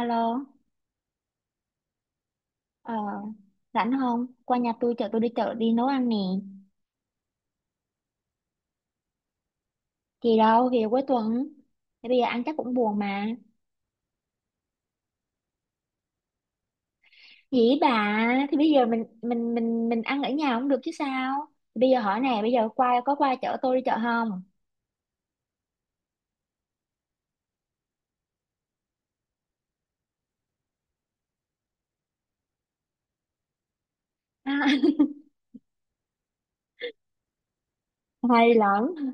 Alo, ờ, rảnh không? Qua nhà tôi chở tôi đi chợ đi nấu ăn nè. Thì cuối tuần. Thì bây giờ ăn chắc cũng buồn mà. Dĩ bà, thì bây giờ mình ăn ở nhà cũng được chứ sao? Thì bây giờ hỏi nè, bây giờ qua có qua chở tôi đi chợ không? À, hay lắm.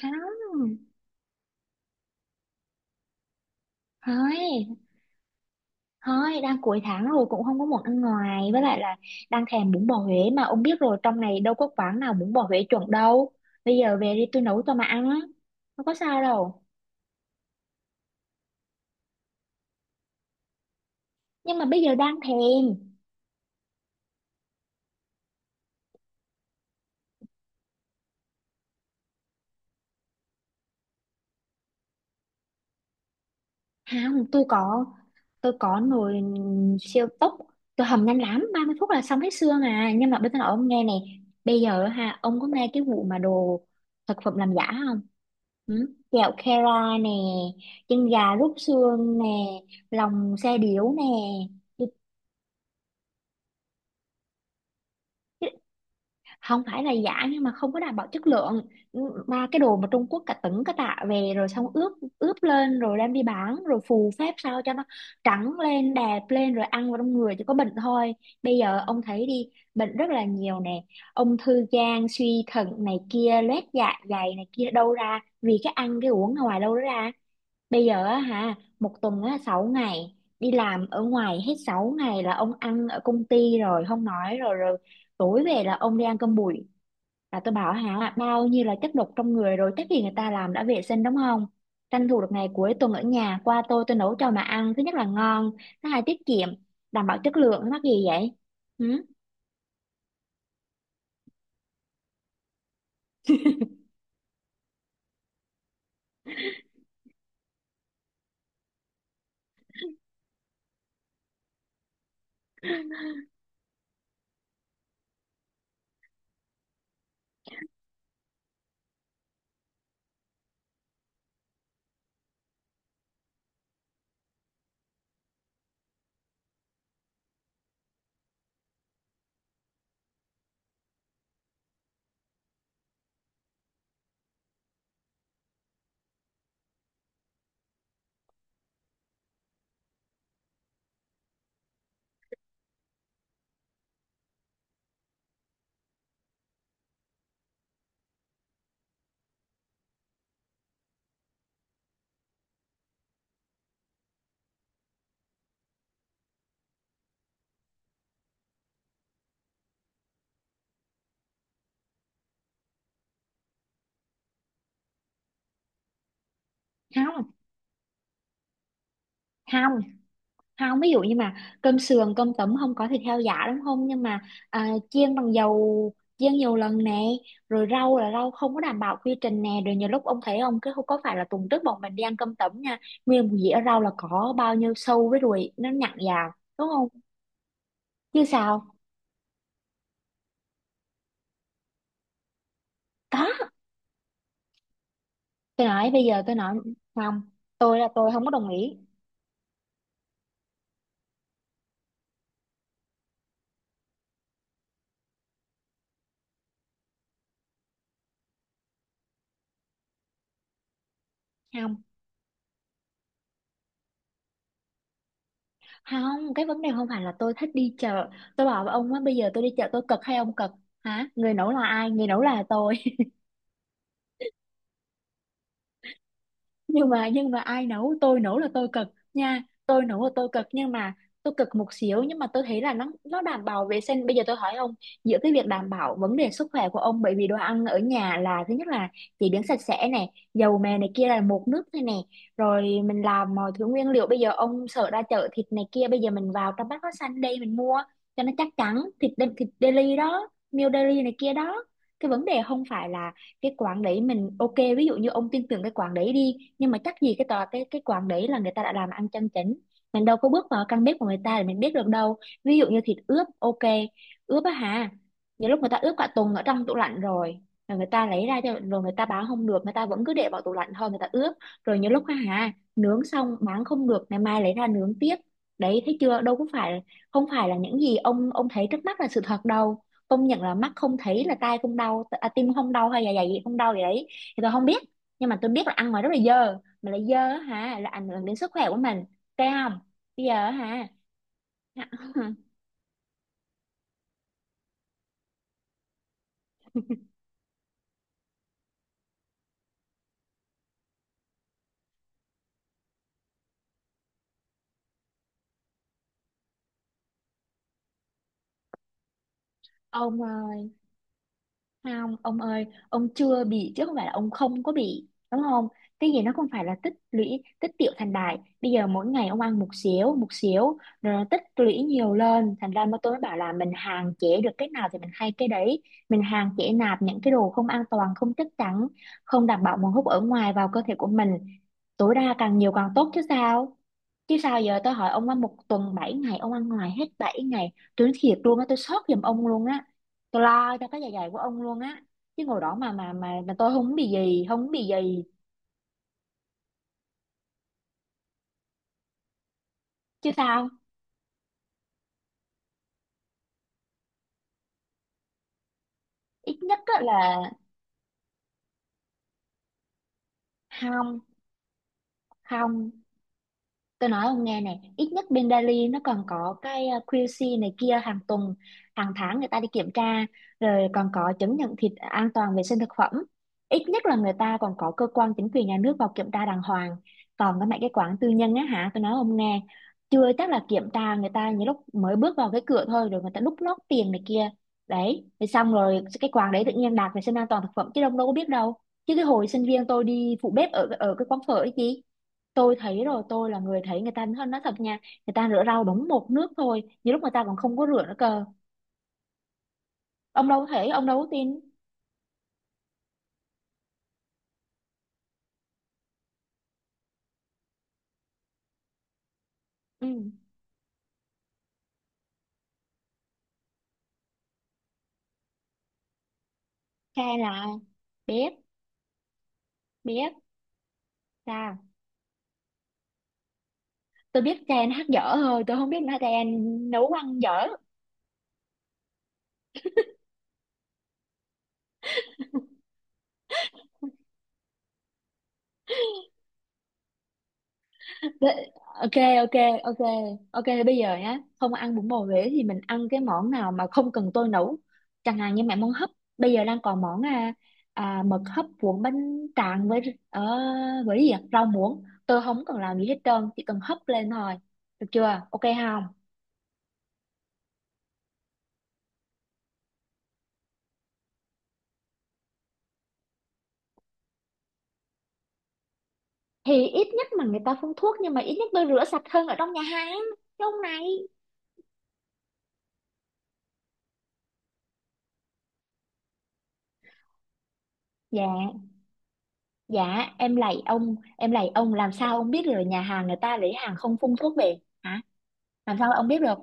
Không, thôi, thôi, đang cuối tháng rồi cũng không có muốn ăn ngoài. Với lại là đang thèm bún bò Huế mà ông biết rồi trong này đâu có quán nào bún bò Huế chuẩn đâu. Bây giờ về đi tôi nấu cho mà ăn á. Không có sao đâu. Nhưng mà bây giờ đang thèm. Không, tôi có, tôi có nồi siêu tốc, tôi hầm nhanh lắm, 30 phút là xong hết xương à. Nhưng mà bây giờ nói ông nghe này, bây giờ ha, ông có nghe cái vụ mà đồ thực phẩm làm giả không? Ừ? Kẹo Kera nè, chân gà rút xương nè, lòng xe điếu nè. Không phải là giả nhưng mà không có đảm bảo chất lượng. Ừ, mà cái đồ mà Trung Quốc cả tấn cả tạ về rồi xong ướp ướp lên rồi đem đi bán rồi phù phép sao cho nó trắng lên đẹp lên rồi ăn vào trong người chỉ có bệnh thôi. Bây giờ ông thấy đi, bệnh rất là nhiều nè. Ung thư gan, suy thận này kia, loét dạ dày này kia đâu ra vì cái ăn cái uống ở ngoài đâu đó ra. Bây giờ á hả, một tuần á 6 ngày đi làm ở ngoài hết 6 ngày là ông ăn ở công ty rồi không nói rồi rồi tối về là ông đi ăn cơm bụi, là tôi bảo hả bao nhiêu là chất độc trong người rồi, chắc gì người ta làm đã vệ sinh, đúng không? Tranh thủ được ngày cuối tuần ở nhà qua tôi nấu cho mà ăn. Thứ nhất là ngon, thứ hai tiết kiệm, đảm bảo chất lượng. Mắc gì vậy? Ừ? Không, không, không. Ví dụ như mà cơm sườn, cơm tấm không có thịt heo giả đúng không? Nhưng mà chiên bằng dầu, chiên nhiều lần nè. Rồi rau là rau không có đảm bảo quy trình nè. Rồi nhiều lúc ông thấy không, cái không có phải là tuần trước bọn mình đi ăn cơm tấm nha. Nguyên một dĩa rau là có bao nhiêu sâu với ruồi nó nhặn vào. Đúng không? Chứ sao. Có, tôi nói bây giờ tôi nói không, tôi là tôi không có đồng ý. Không, không, cái vấn đề không phải là tôi thích đi chợ. Tôi bảo với ông á, bây giờ tôi đi chợ tôi cực hay ông cực? Hả, người nấu là ai, người nấu là tôi. Nhưng mà ai nấu, tôi nấu là tôi cực nha, tôi nấu là tôi cực, nhưng mà tôi cực một xíu nhưng mà tôi thấy là nó đảm bảo vệ sinh. Bây giờ tôi hỏi ông, giữa cái việc đảm bảo vấn đề sức khỏe của ông, bởi vì đồ ăn ở nhà là thứ nhất là chế biến sạch sẽ này, dầu mè này kia là một nước này nè, rồi mình làm mọi thứ nguyên liệu. Bây giờ ông sợ ra chợ thịt này kia, bây giờ mình vào trong Bách Hóa Xanh đây mình mua cho nó chắc chắn, thịt thịt deli đó, meal deli này kia đó. Cái vấn đề không phải là cái quán đấy mình ok, ví dụ như ông tin tưởng cái quán đấy đi, nhưng mà chắc gì cái tòa cái quán đấy là người ta đã làm ăn chân chính. Mình đâu có bước vào căn bếp của người ta để mình biết được đâu. Ví dụ như thịt ướp ok, ướp á hả, nhiều lúc người ta ướp cả tuần ở trong tủ lạnh rồi, rồi người ta lấy ra cho, rồi người ta bán không được người ta vẫn cứ để vào tủ lạnh thôi, người ta ướp. Rồi nhiều lúc á hả, nướng xong bán không được ngày mai lấy ra nướng tiếp. Đấy thấy chưa, đâu có phải, không phải là những gì ông thấy trước mắt là sự thật đâu. Công nhận là mắt không thấy là tai không đau à, tim không đau hay là dạ dày gì không đau gì đấy thì tôi không biết, nhưng mà tôi biết là ăn ngoài rất là dơ, mà lại dơ á hả là ảnh hưởng đến sức khỏe của mình. Thấy không? Bây giờ á hả. Ông ơi. Không, ông ơi, ông chưa bị chứ không phải là ông không có bị, đúng không? Cái gì nó không phải là tích lũy, tích tiểu thành đại. Bây giờ mỗi ngày ông ăn một xíu, rồi nó tích lũy nhiều lên. Thành ra mà tôi mới bảo là mình hạn chế được cái nào thì mình hay cái đấy. Mình hạn chế nạp những cái đồ không an toàn, không chắc chắn, không đảm bảo nguồn hút ở ngoài vào cơ thể của mình. Tối đa càng nhiều càng tốt chứ sao? Chứ sao giờ tôi hỏi ông ăn một tuần 7 ngày, ông ăn ngoài hết 7 ngày, tôi nói thiệt luôn á, tôi sốt giùm ông luôn á, tôi lo cho cái dạ dày của ông luôn á. Chứ ngồi đó mà mà tôi không bị gì, không bị gì, chứ sao. Ít nhất á là không, không. Tôi nói ông nghe này, ít nhất bên Delhi nó còn có cái QC này kia hàng tuần, hàng tháng người ta đi kiểm tra, rồi còn có chứng nhận thịt an toàn vệ sinh thực phẩm. Ít nhất là người ta còn có cơ quan chính quyền nhà nước vào kiểm tra đàng hoàng. Còn cái mấy cái quán tư nhân á hả, tôi nói ông nghe, chưa chắc là kiểm tra người ta những lúc mới bước vào cái cửa thôi rồi người ta đút lót tiền này kia. Đấy, rồi xong rồi cái quán đấy tự nhiên đạt vệ sinh an toàn thực phẩm chứ ông đâu có biết đâu. Chứ cái hồi sinh viên tôi đi phụ bếp ở ở cái quán phở ấy chứ, tôi thấy rồi, tôi là người thấy người ta nói thật nha, người ta rửa rau đúng một nước thôi, nhiều lúc người ta còn không có rửa nữa cơ. Ông đâu có thể, ông đâu có tin. Ừ. Trai là? Biết, biết. Sao? Tôi biết trai anh hát dở thôi, tôi không biết là trai anh nấu ăn dở. Đấy, ok ok ok ok, bây giờ nhá, không ăn bún bò Huế thì mình ăn cái món nào mà không cần tôi nấu, chẳng hạn như mẹ món hấp. Bây giờ đang còn món mực hấp cuốn bánh tráng với ờ, với gì ạ? Rau muống tôi không cần làm gì hết trơn, chỉ cần hấp lên thôi, được chưa? Ok không? Thì ít nhất mà người ta phun thuốc, nhưng mà ít nhất tôi rửa sạch hơn ở trong nhà hàng chứ ông này. Dạ, dạ em lạy ông, em lạy ông, làm sao ông biết được là nhà hàng người ta lấy hàng không phun thuốc về? Hả, làm sao ông biết được?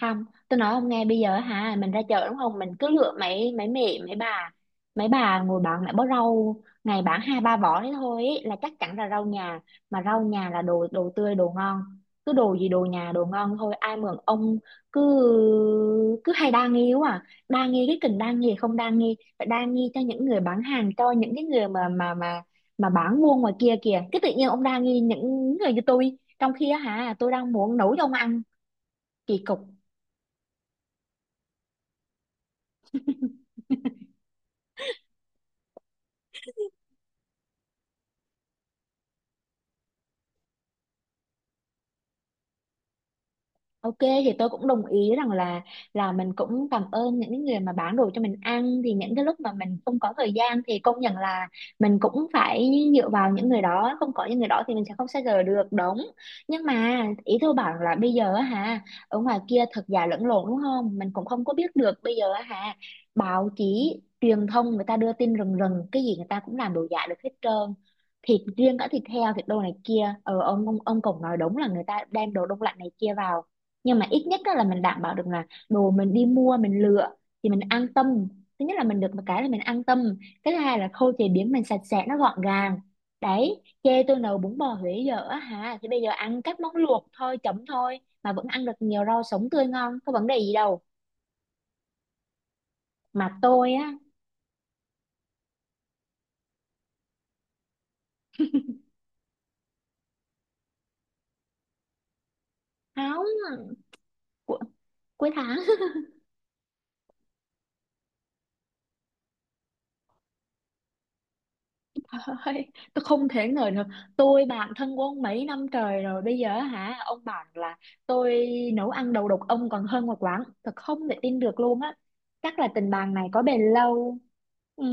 Không, tôi nói ông nghe bây giờ hả, mình ra chợ đúng không, mình cứ lựa mấy mấy mẹ mấy bà ngồi bán mẹ bó rau, ngày bán hai ba vỏ đấy thôi, ý là chắc chắn là rau nhà, mà rau nhà là đồ, đồ tươi đồ ngon. Cứ đồ gì đồ nhà đồ ngon thôi, ai mượn ông cứ cứ hay đa nghi quá à. Đa nghi cái kình, đa nghi không đa nghi, phải đa nghi cho những người bán hàng, cho những cái người mà mà bán buôn ngoài kia kìa, cái tự nhiên ông đa nghi những người như tôi trong khi á hả tôi đang muốn nấu cho ông ăn. Kỳ cục. Ok thì tôi cũng đồng ý rằng là mình cũng cảm ơn những cái người mà bán đồ cho mình ăn, thì những cái lúc mà mình không có thời gian thì công nhận là mình cũng phải dựa vào những người đó, không có những người đó thì mình sẽ không xa rời được, đúng. Nhưng mà ý tôi bảo là bây giờ á hả, ở ngoài kia thật giả lẫn lộn đúng không, mình cũng không có biết được. Bây giờ á hả, báo chí truyền thông người ta đưa tin rần rần, cái gì người ta cũng làm đồ giả được hết trơn, thịt riêng cả thịt heo thịt đồ này kia. Ờ ông cũng nói đúng là người ta đem đồ đông lạnh này kia vào, nhưng mà ít nhất á là mình đảm bảo được là đồ mình đi mua mình lựa thì mình an tâm. Thứ nhất là mình được một cái là mình an tâm, cái thứ hai là khâu chế biến mình sạch sẽ nó gọn gàng. Đấy, chê tôi nấu bún bò Huế dở á hả thì bây giờ ăn các món luộc thôi, chấm thôi mà vẫn ăn được nhiều rau sống tươi ngon, có vấn đề gì đâu? Mà tôi á, không. cu- Cuối tháng. Thôi, tôi không thể ngờ được, tôi bạn thân của ông mấy năm trời rồi bây giờ hả ông bảo là tôi nấu ăn đầu độc ông còn hơn một quán, thật không thể tin được luôn á. Chắc là tình bạn này có bền lâu. Ừ.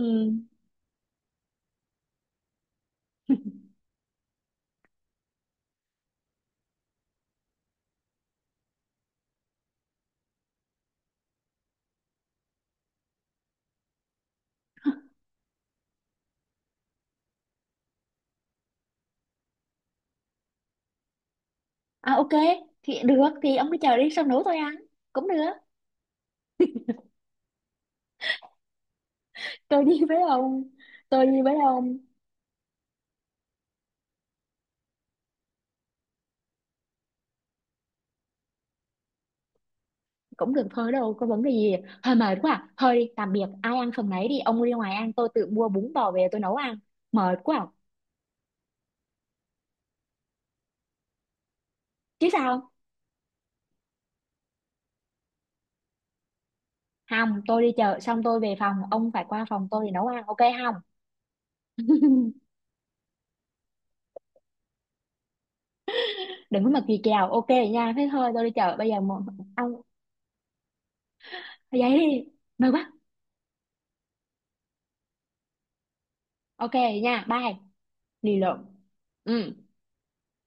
À ok, thì được, thì ông cứ chờ đi xong nấu tôi ăn cũng được. Tôi đi với ông, tôi đi với ông cũng được thôi, đâu có vấn đề gì. Hơi mệt quá à. Thôi đi, tạm biệt, ai ăn phần nấy đi, ông đi ngoài ăn, tôi tự mua bún bò về tôi nấu ăn. Mệt quá à. Chứ sao? Không, tôi đi chợ xong tôi về phòng, ông phải qua phòng tôi để nấu ăn ok không? Đừng có mà gì kèo, ok nha, thế thôi tôi đi chợ bây giờ một. Ông giấy đi, mời quá. Ok nha, bye. Lì lợm. Ừ.